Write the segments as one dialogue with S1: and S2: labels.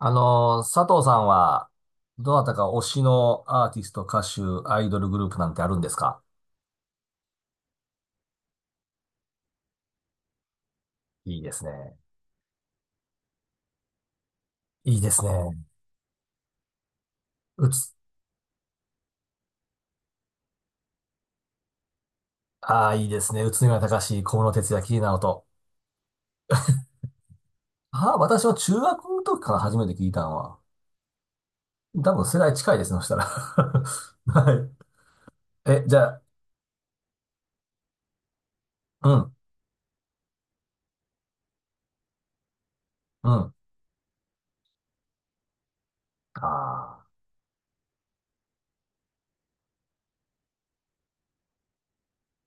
S1: 佐藤さんは、どなたか推しのアーティスト、歌手、アイドルグループなんてあるんですか？いいですね。いいですね。うつ、ああ、いいですね。宇都宮隆、小室哲哉、桐ナオと。ああ、私は中学の時から初めて聞いたのは。多分世代近いですね、そしたら。はい。え、じゃあ、うん、うん。ああ、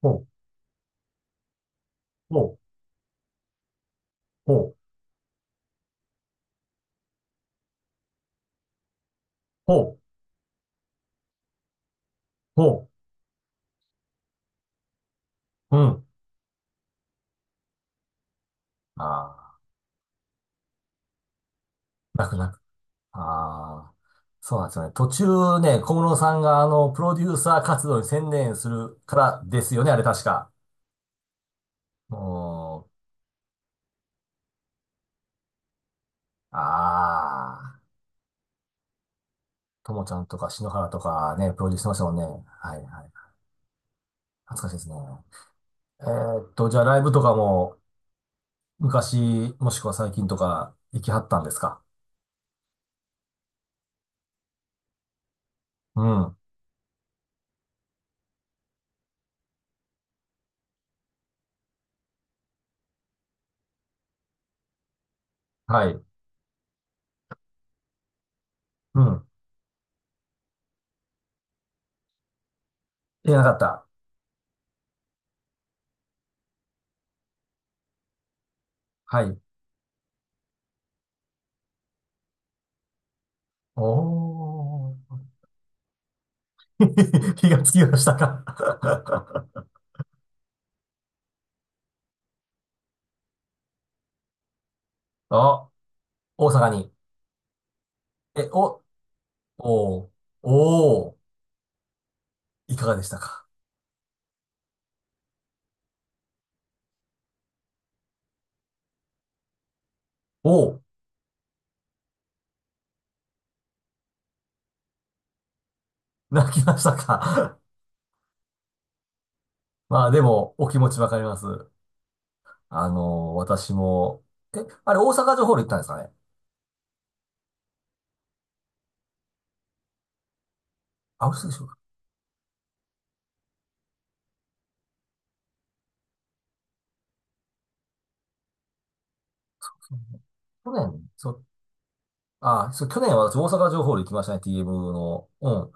S1: ほう、ほう、ほう、ほう、ほう、うん。ああ、泣く泣ああ、そうなんですよね。途中ね、小室さんがプロデューサー活動に専念するからですよね、あれ確か。もう、ああ、ともちゃんとか篠原とかね、プロデュースしてましたもんね。はいはい。懐かしいですね。じゃあライブとかも昔、もしくは最近とか行きはったんですか？うん。はい。うん。いなかった。はい。おー。気がつきましたか？あ 大阪に。え、お、おー、おー、いかがでしたか？おー、泣きましたか？ まあでも、お気持ちわかります。あのー私も、え、あれ大阪城ホール行ったんですかね？あ、嘘でしょうか？去年、そう、あ、そう、去年は私大阪城ホール行きましたね、TM の。うん。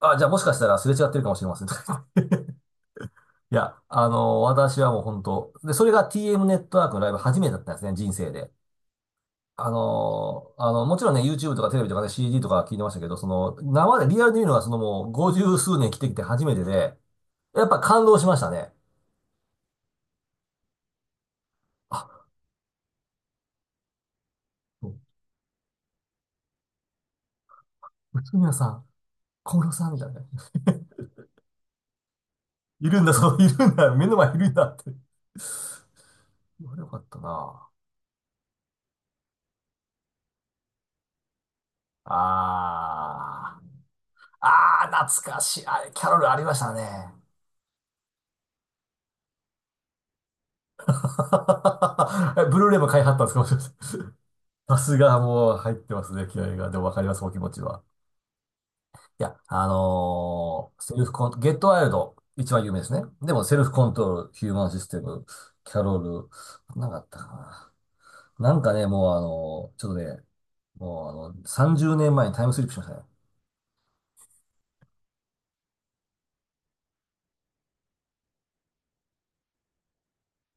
S1: あ、じゃあもしかしたらすれ違ってるかもしれません。いや、あのー私はもう本当で、それが TM ネットワークのライブ初めてだったんですね、人生で。あの、もちろんね、YouTube とかテレビとかね、CD とか聞いてましたけど、その、生でリアルで見るのはそのもう50数年来てきて初めてで、やっぱ感動しましたね。あ、内村さん、小室さんみたいなね。いるんだ、そう、いるんだ、目の前いるんだって。よかったな。あー、あー、懐かしい。あれ、キャロルありましたね。ブルーレイも買いはったんですかもしかして？ さすがもう入ってますね、気合が。でもわかります、お気持ちは。いや、あのーセルフコン、ゲットワイルド、一番有名ですね。でも、セルフコントロール、ヒューマンシステム、キャロル、なんかあったかな。なんかね、もうあのーちょっとね、もうあの、30年前にタイムスリップしましたね。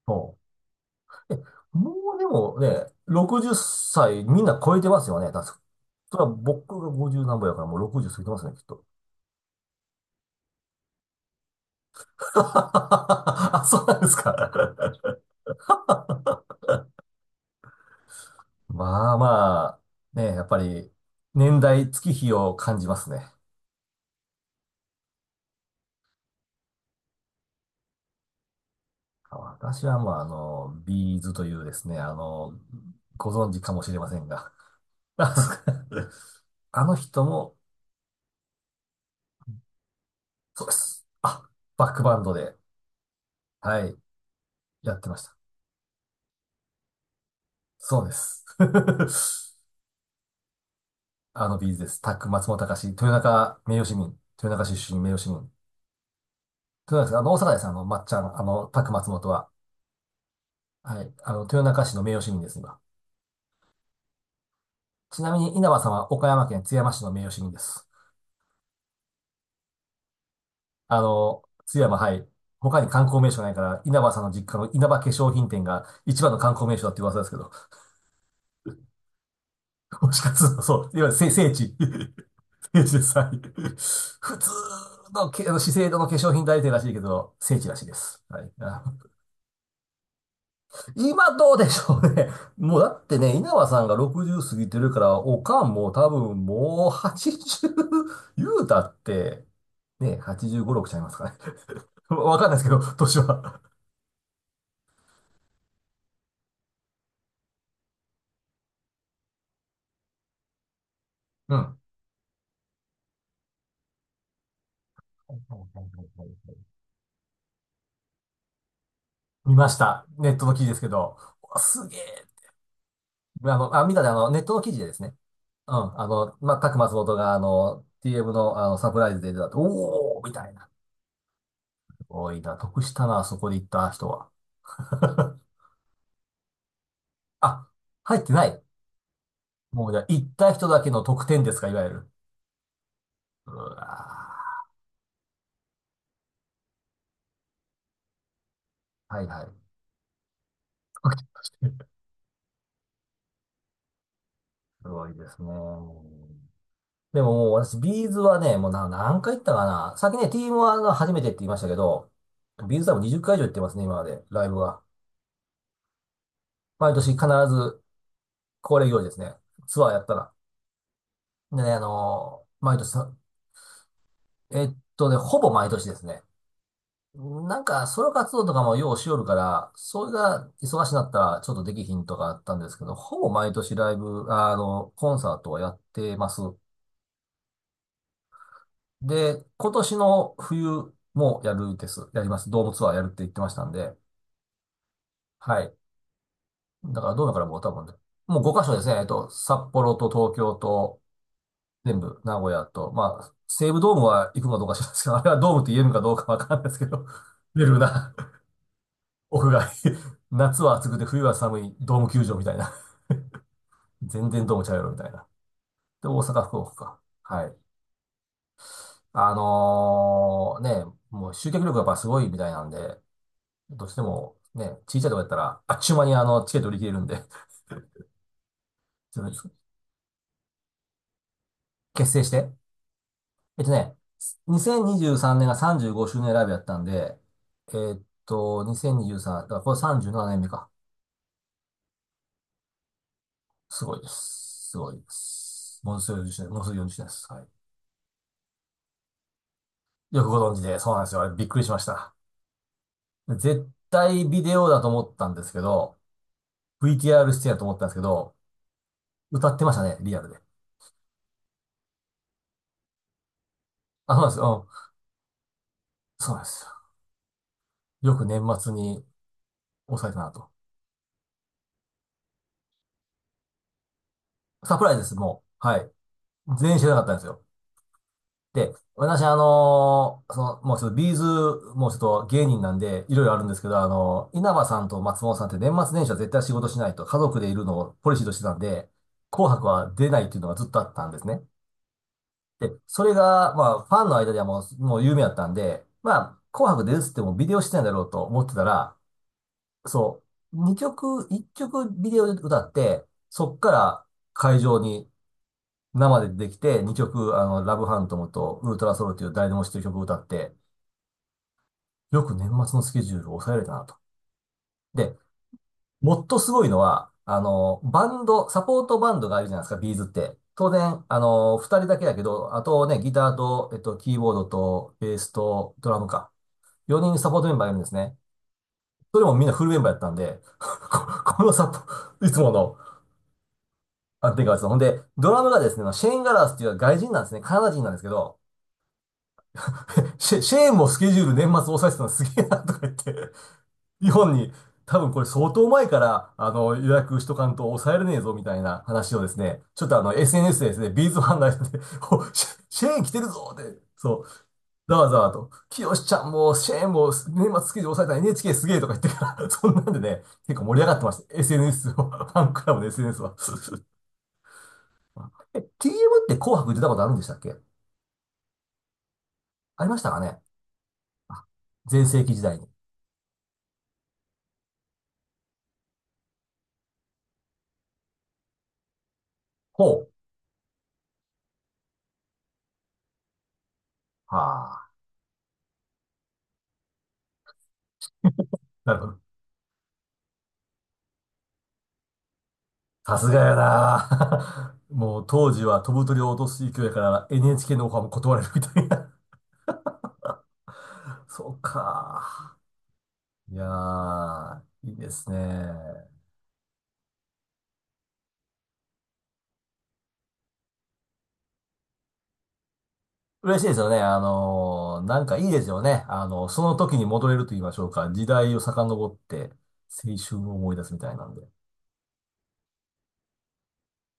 S1: そう。え、もうでもね、60歳みんな超えてますよね、確か。それは僕が50何歩やからもう60過ぎてますね、きっと。あ、そうなんですか。まあまね、やっぱり、年代、月日を感じますね。私はもうあの、ビーズというですね、あの、ご存知かもしれませんが。あの人も、そうです。あ、バックバンドで、はい、やってました。そうです。あのビーズです。タック、松本隆、豊中名誉市民、豊中出身名誉市民。豊中です。あの、大阪です。あの、抹茶の、あの、タック松本は。はい。あの、豊中市の名誉市民です、今。ちなみに稲葉さんは岡山県津山市の名誉市民です。あの、津山、はい。他に観光名所ないから、稲葉さんの実家の稲葉化粧品店が一番の観光名所だって噂ですけど、もしかすると、そう、いわゆる聖地、聖地です。はい。普通のけ、あの資生堂の化粧品代理店らしいけど、聖地らしいです。はい。あ今どうでしょうね。もうだってね、稲葉さんが60過ぎてるから、おかんも多分もう80、言うたって、ね、85、6ちゃいますかね。わかんないですけど、年は。うん。はいはいはいはいはいはい。見ました。ネットの記事ですけど。うわすげえ。あの、あ、見たね、あの、ネットの記事でですね。うん。あの、まあ、タク松本が、あの、TM の、あの、サプライズで出たと、おーみたいな。すごいな。得したな、そこで行った人は。あ、入ってない。もうじゃあ、行った人だけの得点ですか、いわゆる。うわーはいはい。すごいですね。でももう私、ビーズはね、もうな何回行ったかな。さっきね、ティームは初めてって言いましたけど、ビーズ多分20回以上行ってますね、今まで、ライブは。毎年必ず恒例行事ですね。ツアーやったら。でね、あのー毎年さ、ほぼ毎年ですね。なんか、ソロ活動とかもようしよるから、それが忙しなったらちょっとできひんとかあったんですけど、ほぼ毎年ライブ、あの、コンサートはやってます。で、今年の冬もやるです。やります。ドームツアーやるって言ってましたんで、はい。だからもう多分ね、もう5カ所ですね。札幌と東京と、全部、名古屋と、まあ、西武ドームは行くのかどうか知らないですけど、あれはドームって言えるのかどうかわかんないですけど、出るな、屋外。夏は暑くて冬は寒い、ドーム球場みたいな。全然ドームちゃうよみたいな。で、大阪、福岡か。はい。あのーね、もう集客力がやっぱすごいみたいなんで、どうしてもね、小さいとこやったら、あっちゅう間にあの、チケット売り切れるんで、ちょっと結成して、えっとね、2023年が35周年ライブやったんで、2023、だからこれ37年目か。すごいです。すごいです。もうす40周年、もうすぐ40年です。はい。よくご存知で、そうなんですよ。あれびっくりしました。絶対ビデオだと思ったんですけど、VTR 出演だと思ったんですけど、歌ってましたね、リアルで。あ、そうなんですよ。うんそうなんですよく年末に抑えたなと。サプライズです、もう。はい。全員知らなかったんですよ。で、私、あのーその、もうちょっと芸人なんで、いろいろあるんですけど、あのー稲葉さんと松本さんって年末年始は絶対仕事しないと、家族でいるのをポリシーとしてたんで、紅白は出ないっていうのがずっとあったんですね。で、それが、まあ、ファンの間ではもう、有名だったんで、まあ、紅白出るっつってもビデオしてないだろうと思ってたら、そう、2曲、1曲ビデオで歌って、そっから会場に生でできて、2曲、あの、ラブハントムとウルトラソウルという誰でも知ってる曲を歌って、よく年末のスケジュールを抑えれたなと。で、もっとすごいのは、あの、バンド、サポートバンドがあるじゃないですか、ビーズって。当然、あの、二人だけだけど、あとね、ギターと、キーボードと、ベースと、ドラムか。4人サポートメンバーがいるんですね。それもみんなフルメンバーやったんで、このサポ、いつもの安定感です。ほんで、ドラムがですね、シェーン・ガラスっていう外人なんですね。カナダ人なんですけど、シェーンもスケジュール年末押さえてたのすげえなとか言って、日本に多分これ相当前からあの予約しとかんと抑えれねえぞみたいな話をですね、ちょっとあの SNS でですね、ビーズファンがしておシェ、シェーン来てるぞって、そう、ざわざわと、清よちゃんもシェーンも年末スケジュール抑えたら NHK すげえとか言ってから、そんなんでね、結構盛り上がってました。SNS を、ファンクラブの SNS は。え TM って紅白出たことあるんでしたっけ？ありましたかね？全盛期時代に。ほう。はあ。なるほど。さすがやな もう当時は飛ぶ鳥を落とす勢いやから NHK のオファーも断れるみたいな。そうか。いやー、いいですね。嬉しいですよね。あのーなんかいいですよね。あの、その時に戻れると言いましょうか。時代を遡って青春を思い出すみたいなんで。